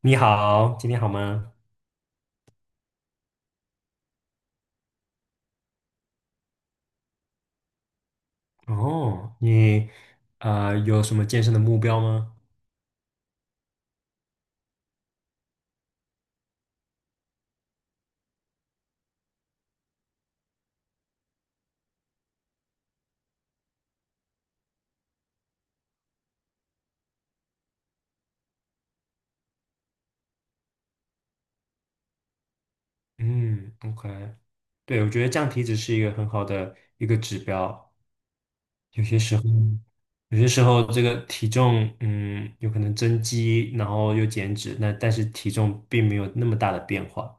你好，今天好吗？哦，你有什么健身的目标吗？嗯，OK，对，我觉得降体脂是一个很好的一个指标。后有些时候这个体重，有可能增肌，然后又减脂，那但是体重并没有那么大的变化。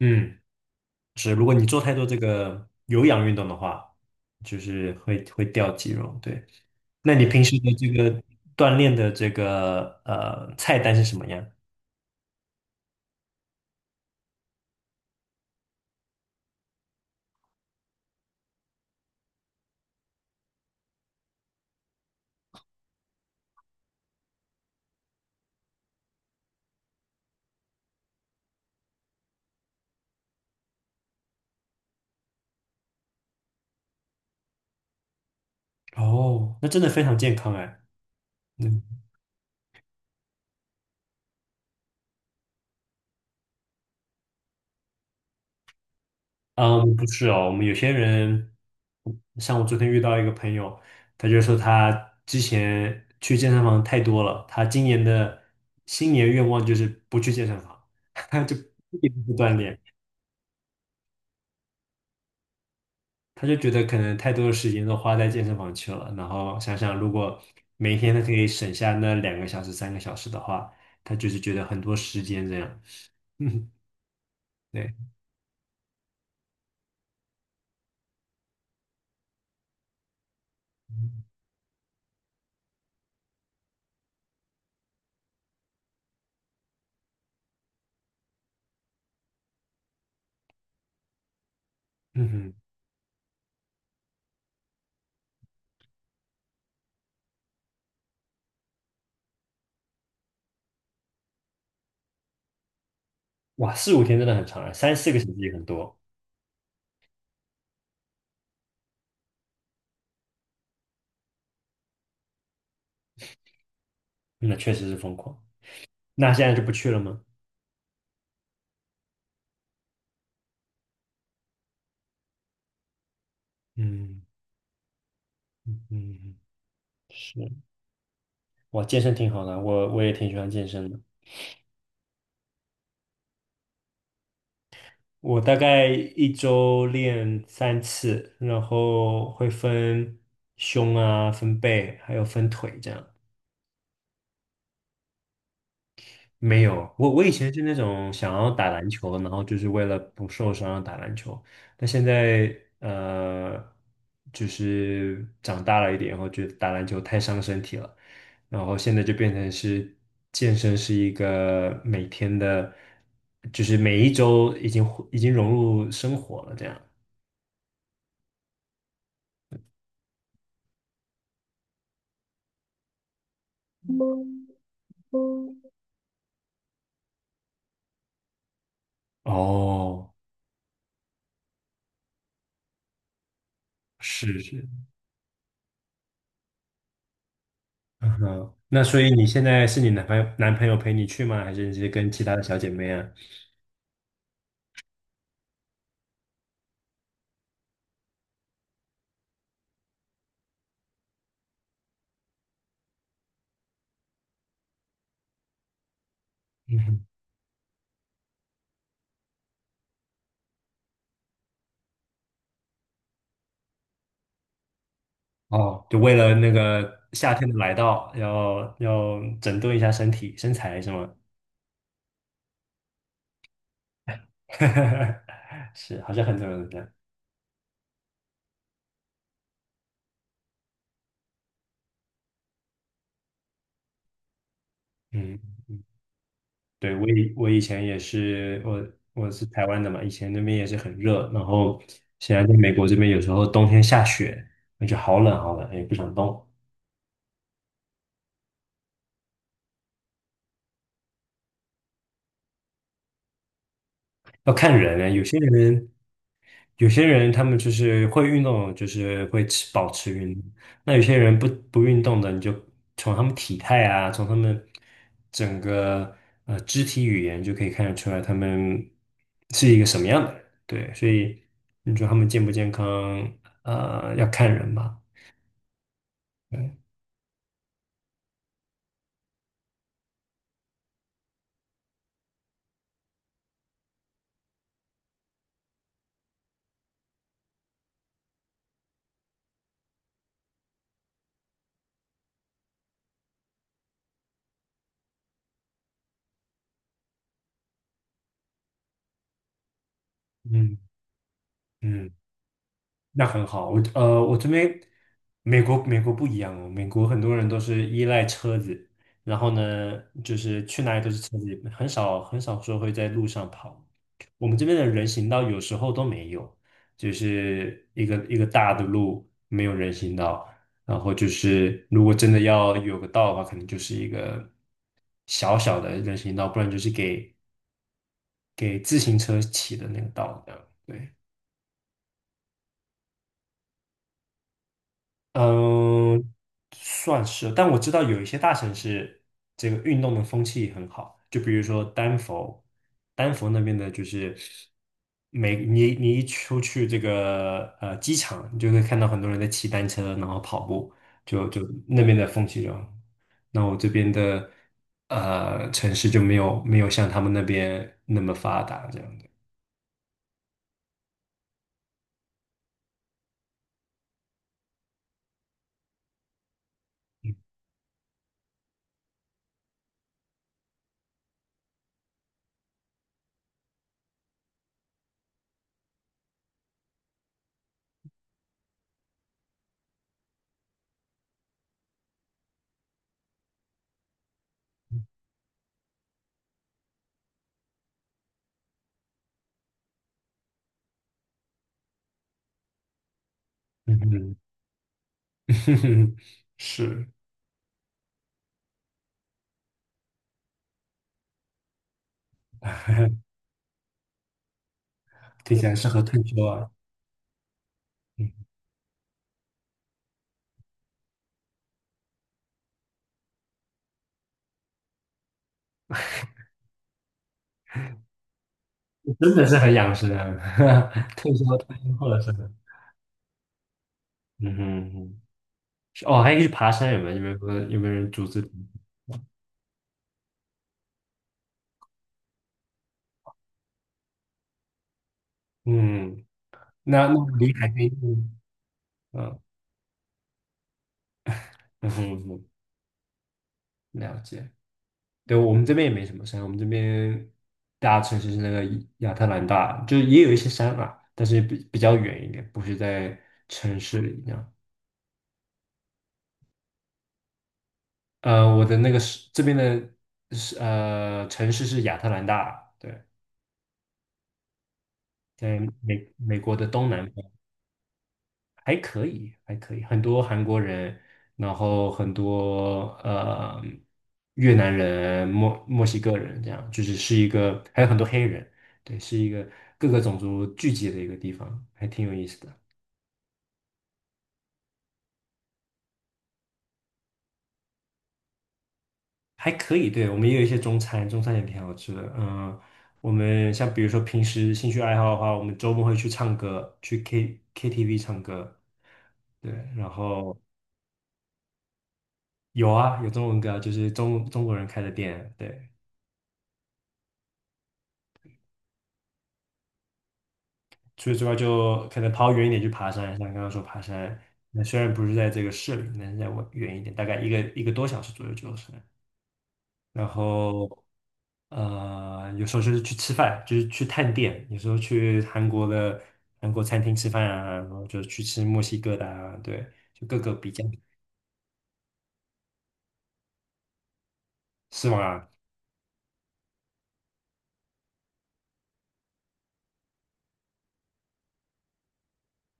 嗯，是，如果你做太多这个有氧运动的话，就是会掉肌肉。对，那你平时的这个锻炼的这个菜单是什么样？哦，那真的非常健康哎。嗯，啊，不是哦，我们有些人，像我昨天遇到一个朋友，他就说他之前去健身房太多了，他今年的新年愿望就是不去健身房，他就一直不锻炼，他就觉得可能太多的时间都花在健身房去了，然后想想如果每天他可以省下那2个小时、3个小时的话，他就是觉得很多时间这样。嗯，对，嗯哼。哇，四五天真的很长啊，三四个小时也很多，那确实是疯狂。那现在就不去了吗？嗯嗯，是，哇，健身挺好的，我也挺喜欢健身的。我大概一周练3次，然后会分胸啊、分背，还有分腿这样。没有，我以前是那种想要打篮球，然后就是为了不受伤打篮球，但现在呃，就是长大了一点以后，觉得打篮球太伤身体了，然后现在就变成是健身是一个每天的，就是每一周已经融入生活了这样。哦，是是，嗯哼，那所以你现在是你男朋友陪你去吗？还是你是跟其他的小姐妹啊？哦，就为了那个夏天的来到，要整顿一下身体身材是吗？是，好像很多人都这样。嗯，对，我以前也是，我是台湾的嘛，以前那边也是很热，然后现在在美国这边有时候冬天下雪，那就好冷好冷，也不想动。要看人呢，有些人他们就是会运动的，就是会保持运动。那有些人不运动的，你就从他们体态啊，从他们整个肢体语言就可以看得出来，他们是一个什么样的人。对，所以你说他们健不健康，要看人吧。对，嗯嗯。那很好，我这边美国不一样哦，美国很多人都是依赖车子，然后呢，就是去哪里都是车子，很少很少说会在路上跑。我们这边的人行道有时候都没有，就是一个大的路没有人行道，然后就是如果真的要有个道的话，可能就是一个小小的人行道，不然就是给自行车骑的那个道这样。对。嗯，算是，但我知道有一些大城市，这个运动的风气也很好，就比如说丹佛，丹佛那边的就是你一出去这个机场，你就会看到很多人在骑单车，然后跑步，就那边的风气就好那我这边的城市就没有像他们那边那么发达这样的。嗯哼，是，听起来适合退休啊。嗯真的是很养生啊，退休后的生活。嗯哼嗯哼哦，还可以去爬山，有没有？有没有人组织？嗯，那离海边近，嗯嗯哼哼了解。对，我们这边也没什么山，我们这边大城市是那个亚特兰大，就是也有一些山啊，但是比较远一点，不是在城市里那样。我的那个是这边的是城市是亚特兰大，对，在美国的东南。还可以，还可以，很多韩国人，然后很多越南人、墨西哥人，这样就是一个，还有很多黑人，对，是一个各个种族聚集的一个地方，还挺有意思的，还可以。对，我们也有一些中餐，中餐也挺好吃的。嗯，我们像比如说平时兴趣爱好的话，我们周末会去唱歌，去 KTV 唱歌。对，然后有啊，有中文歌，就是中国人开的店，对。除此之外，就可能跑远一点去爬山，像刚刚说爬山，那虽然不是在这个市里，但是在我远一点，大概一个多小时左右就是。然后，有时候就是去吃饭，就是去探店，有时候去韩国餐厅吃饭啊，然后就去吃墨西哥的啊，对，就各个比较，是吗？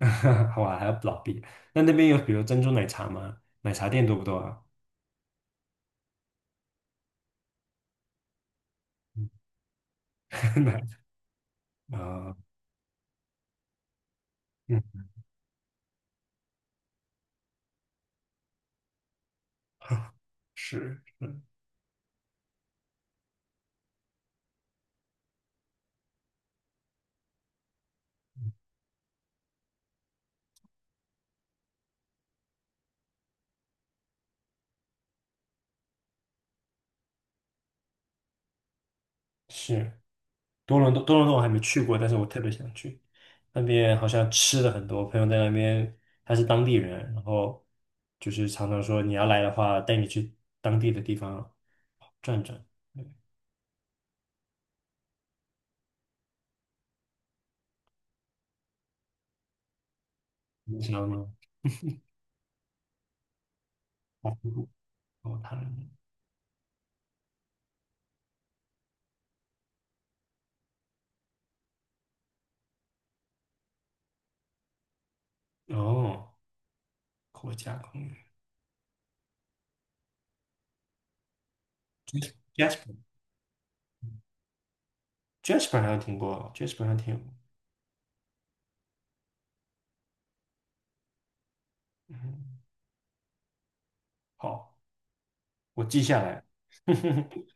好啊，还有老毕，那边有比如珍珠奶茶吗？奶茶店多不多啊？奶啊，呃嗯，是是。多伦多我还没去过，但是我特别想去。那边好像吃的很多，我朋友在那边，他是当地人，然后就是常常说你要来的话，带你去当地的地方转转。对，你知道吗？哦，哦，国家公园，Jasper，Jasper 好像听过，Jasper 好像听过。嗯，好，我记下来。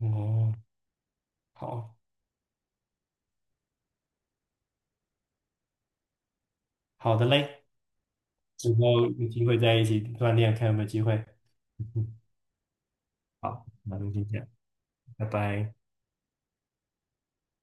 哦，好好的嘞，之后有机会在一起锻炼，看有没有机会。好，那就今天，拜拜。